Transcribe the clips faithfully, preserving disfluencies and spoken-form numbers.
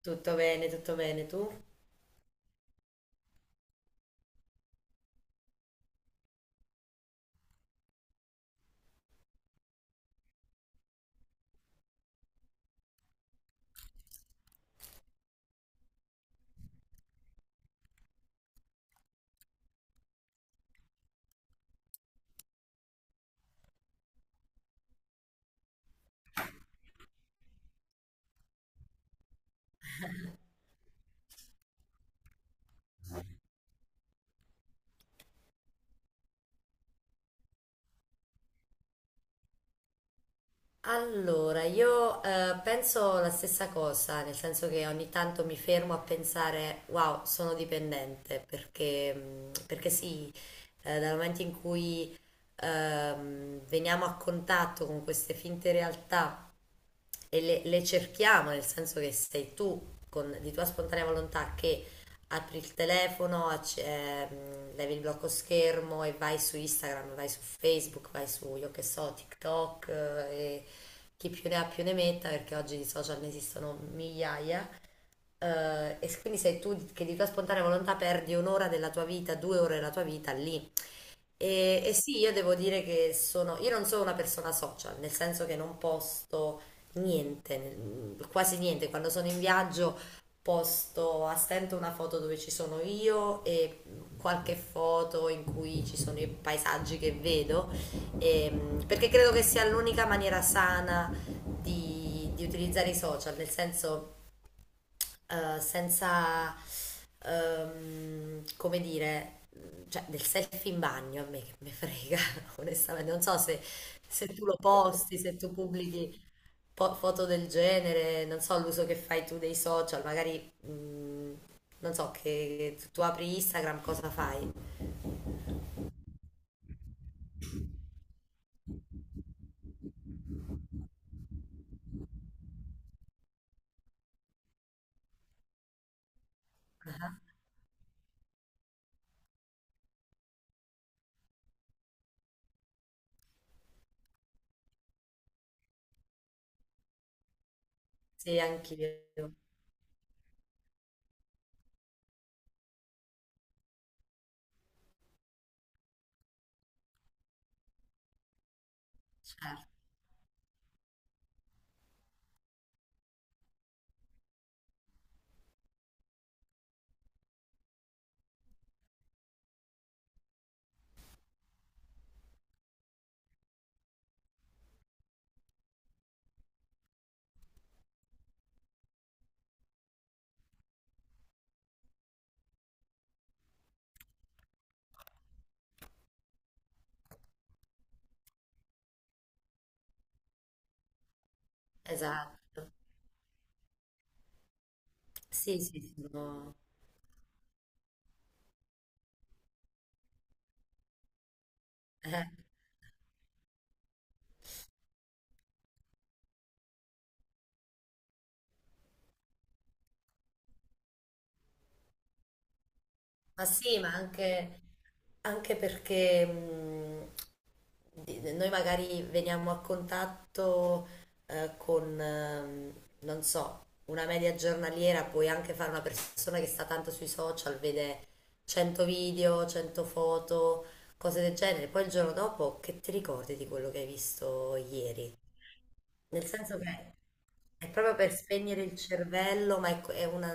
Tutto bene, tutto bene, tu? Allora, io eh, penso la stessa cosa, nel senso che ogni tanto mi fermo a pensare, wow, sono dipendente, perché, mh, perché sì, eh, dal momento in cui ehm, veniamo a contatto con queste finte realtà, e le, le cerchiamo, nel senso che sei tu con, di tua spontanea volontà che apri il telefono, acc- ehm, levi il blocco schermo e vai su Instagram, vai su Facebook, vai su, io che so, TikTok eh, e chi più ne ha più ne metta, perché oggi di social ne esistono migliaia. Eh, e quindi sei tu che di tua spontanea volontà perdi un'ora della tua vita, due ore della tua vita lì. E, e sì, io devo dire che sono, io non sono una persona social, nel senso che non posto niente, nel- quasi niente. Quando sono in viaggio posto a stento una foto dove ci sono io e qualche foto in cui ci sono i paesaggi che vedo, ehm, perché credo che sia l'unica maniera sana di, di utilizzare i social, nel senso eh, senza, ehm, come dire, cioè del selfie in bagno a me che me frega, onestamente. Non so se, se tu lo posti, se tu pubblichi po- foto del genere, non so l'uso che fai tu dei social, magari, mm, non so, che tu apri Instagram, cosa fai? Sì, anch'io, certo, esatto. Sì, sì, sono... eh, ma sì, ma anche... Anche perché mh, di- noi magari veniamo a contatto eh, con, ehm, non so, una media giornaliera, puoi anche fare una persona che sta tanto sui social, vede cento video, cento foto, cose del genere, poi il giorno dopo che ti ricordi di quello che hai visto ieri? Nel senso che è proprio per spegnere il cervello, ma è, è una,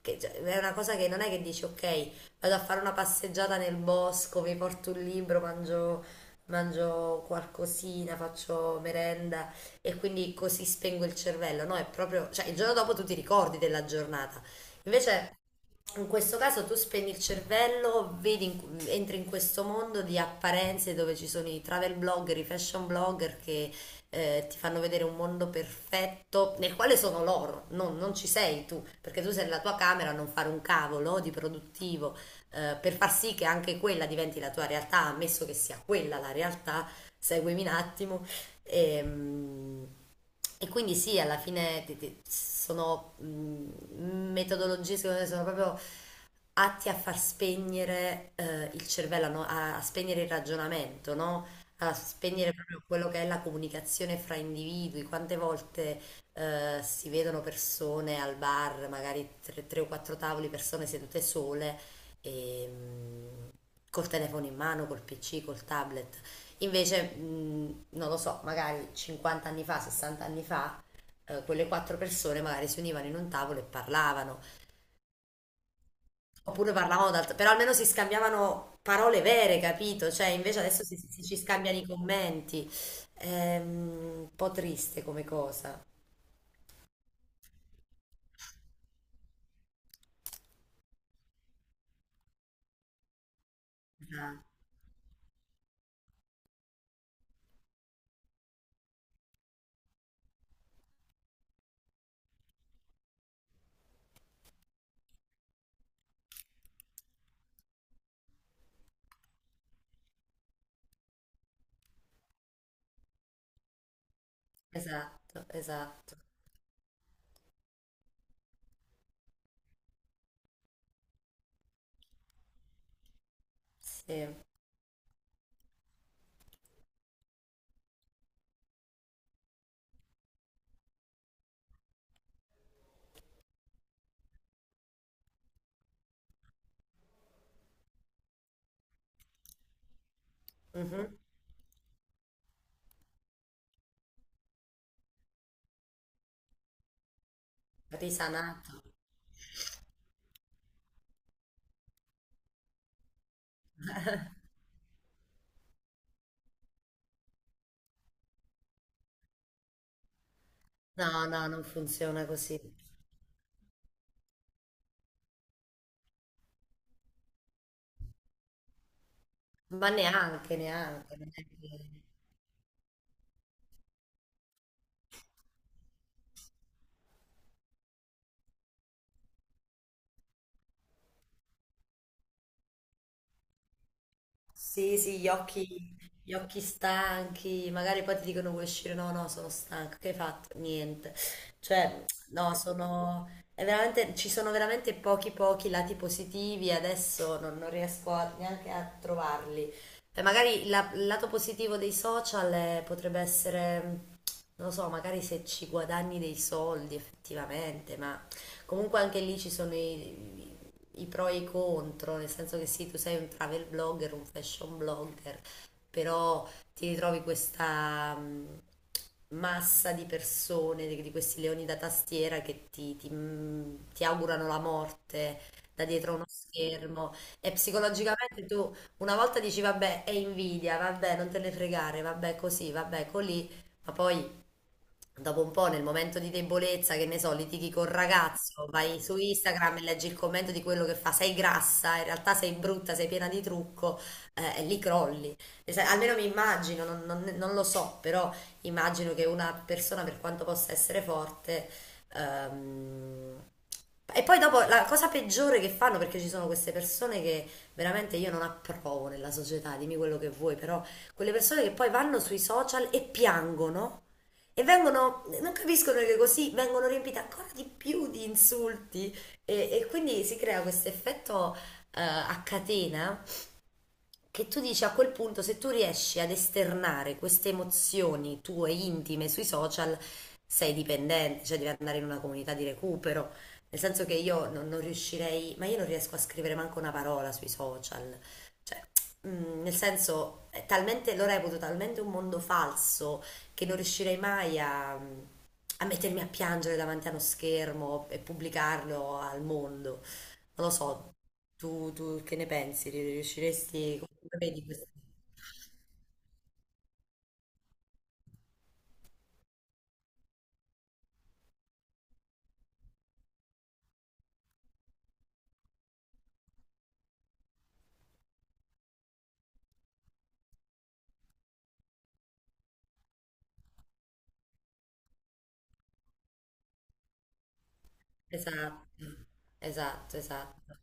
che- cioè, è una cosa che non è che dici, ok, vado a fare una passeggiata nel bosco, mi porto un libro, mangio, mangio qualcosina, faccio merenda e quindi così spengo il cervello. No, è proprio, cioè il giorno dopo tu ti ricordi della giornata. Invece in questo caso tu spegni il cervello, vedi in- entri in questo mondo di apparenze dove ci sono i travel blogger, i fashion blogger che eh, ti fanno vedere un mondo perfetto nel quale sono loro, non, non ci sei tu, perché tu sei nella tua camera a non fare un cavolo di produttivo, eh, per far sì che anche quella diventi la tua realtà, ammesso che sia quella la realtà, seguimi un attimo. E, mm, e quindi sì, alla fine ti- ti- sono mm, metodologie, secondo me, sono proprio atti a far spegnere eh, il cervello, a, no- a- a spegnere il ragionamento, no? A spegnere proprio quello che è la comunicazione fra individui. Quante volte eh, si vedono persone al bar, magari tre, tre o quattro tavoli, persone sedute sole, e, mh, col telefono in mano, col pi ci, col tablet. Invece, mh, non lo so, magari cinquanta anni fa, sessanta anni fa, eh, quelle quattro persone magari si univano in un tavolo e parlavano. Oppure parlavamo d'altro, però almeno si scambiavano parole vere, capito? Cioè, invece adesso si, si- ci scambiano i commenti. Ehm, un po' triste come cosa. Esatto, esatto, esatto. Sì. Mhm. Risanato. No, no, non funziona così. Ma neanche, neanche. Non è che- Sì, sì, gli occhi, gli occhi stanchi, magari poi ti dicono vuoi uscire, no, no, sono stanco, che hai fatto? Niente. Cioè, no, sono, è veramente, ci sono veramente pochi pochi lati positivi e adesso non, non riesco a- neanche a trovarli. E magari la- il lato positivo dei social è- potrebbe essere, non lo so, magari se ci guadagni dei soldi effettivamente, ma comunque anche lì ci sono i i pro e i contro, nel senso che sì, tu sei un travel blogger, un fashion blogger, però ti ritrovi questa mh, massa di persone, di, di questi leoni da tastiera che ti, ti, mh, ti augurano la morte da dietro uno schermo e psicologicamente tu una volta dici vabbè è invidia, vabbè non te ne fregare, vabbè così, vabbè colì, ma poi dopo un po', nel momento di debolezza, che ne so, litighi col ragazzo, vai su Instagram e leggi il commento di quello che fa, sei grassa, in realtà sei brutta, sei piena di trucco, eh, e lì crolli. E sai, almeno mi immagino, non, non- non lo so, però immagino che una persona, per quanto possa essere forte, ehm, e poi dopo la cosa peggiore che fanno, perché ci sono queste persone che veramente io non approvo nella società, dimmi quello che vuoi, però quelle persone che poi vanno sui social e piangono e vengono, non capiscono che così vengono riempite ancora di più di insulti e, e quindi si crea questo effetto eh, a catena che tu dici a quel punto, se tu riesci ad esternare queste emozioni tue intime sui social, sei dipendente, cioè devi andare in una comunità di recupero. Nel senso che io non, non riuscirei, ma io non riesco a scrivere manco una parola sui social. Cioè, mm, nel senso, è talmente, lo reputo talmente un mondo falso che non riuscirei mai a, a mettermi a piangere davanti a uno schermo e pubblicarlo al mondo. Non lo so, tu, tu che ne pensi? Riusciresti vedi questo? Esatto, esatto, esatto.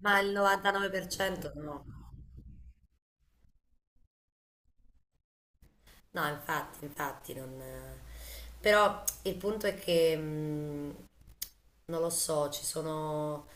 Ma il novantanove per cento no. No, infatti, infatti non... eh. Però il punto è che mh, non lo so, ci sono...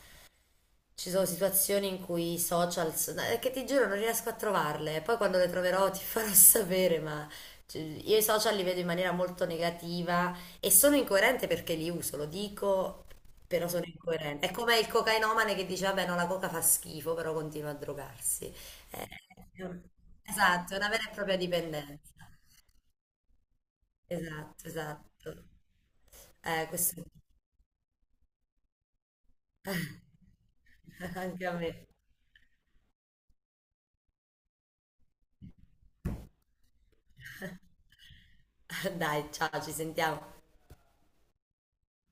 Ci sono situazioni in cui i social, so- eh, che ti giuro non riesco a trovarle, poi quando le troverò ti farò sapere, ma cioè, io i social li vedo in maniera molto negativa e sono incoerente perché li uso, lo dico, però sono incoerente. È come il cocainomane che dice, vabbè, no, la coca fa schifo, però continua a drogarsi. Eh, è un- esatto, è una vera e propria dipendenza. Esatto, esatto. Eh, questo anche a me. Dai, ciao, ci sentiamo.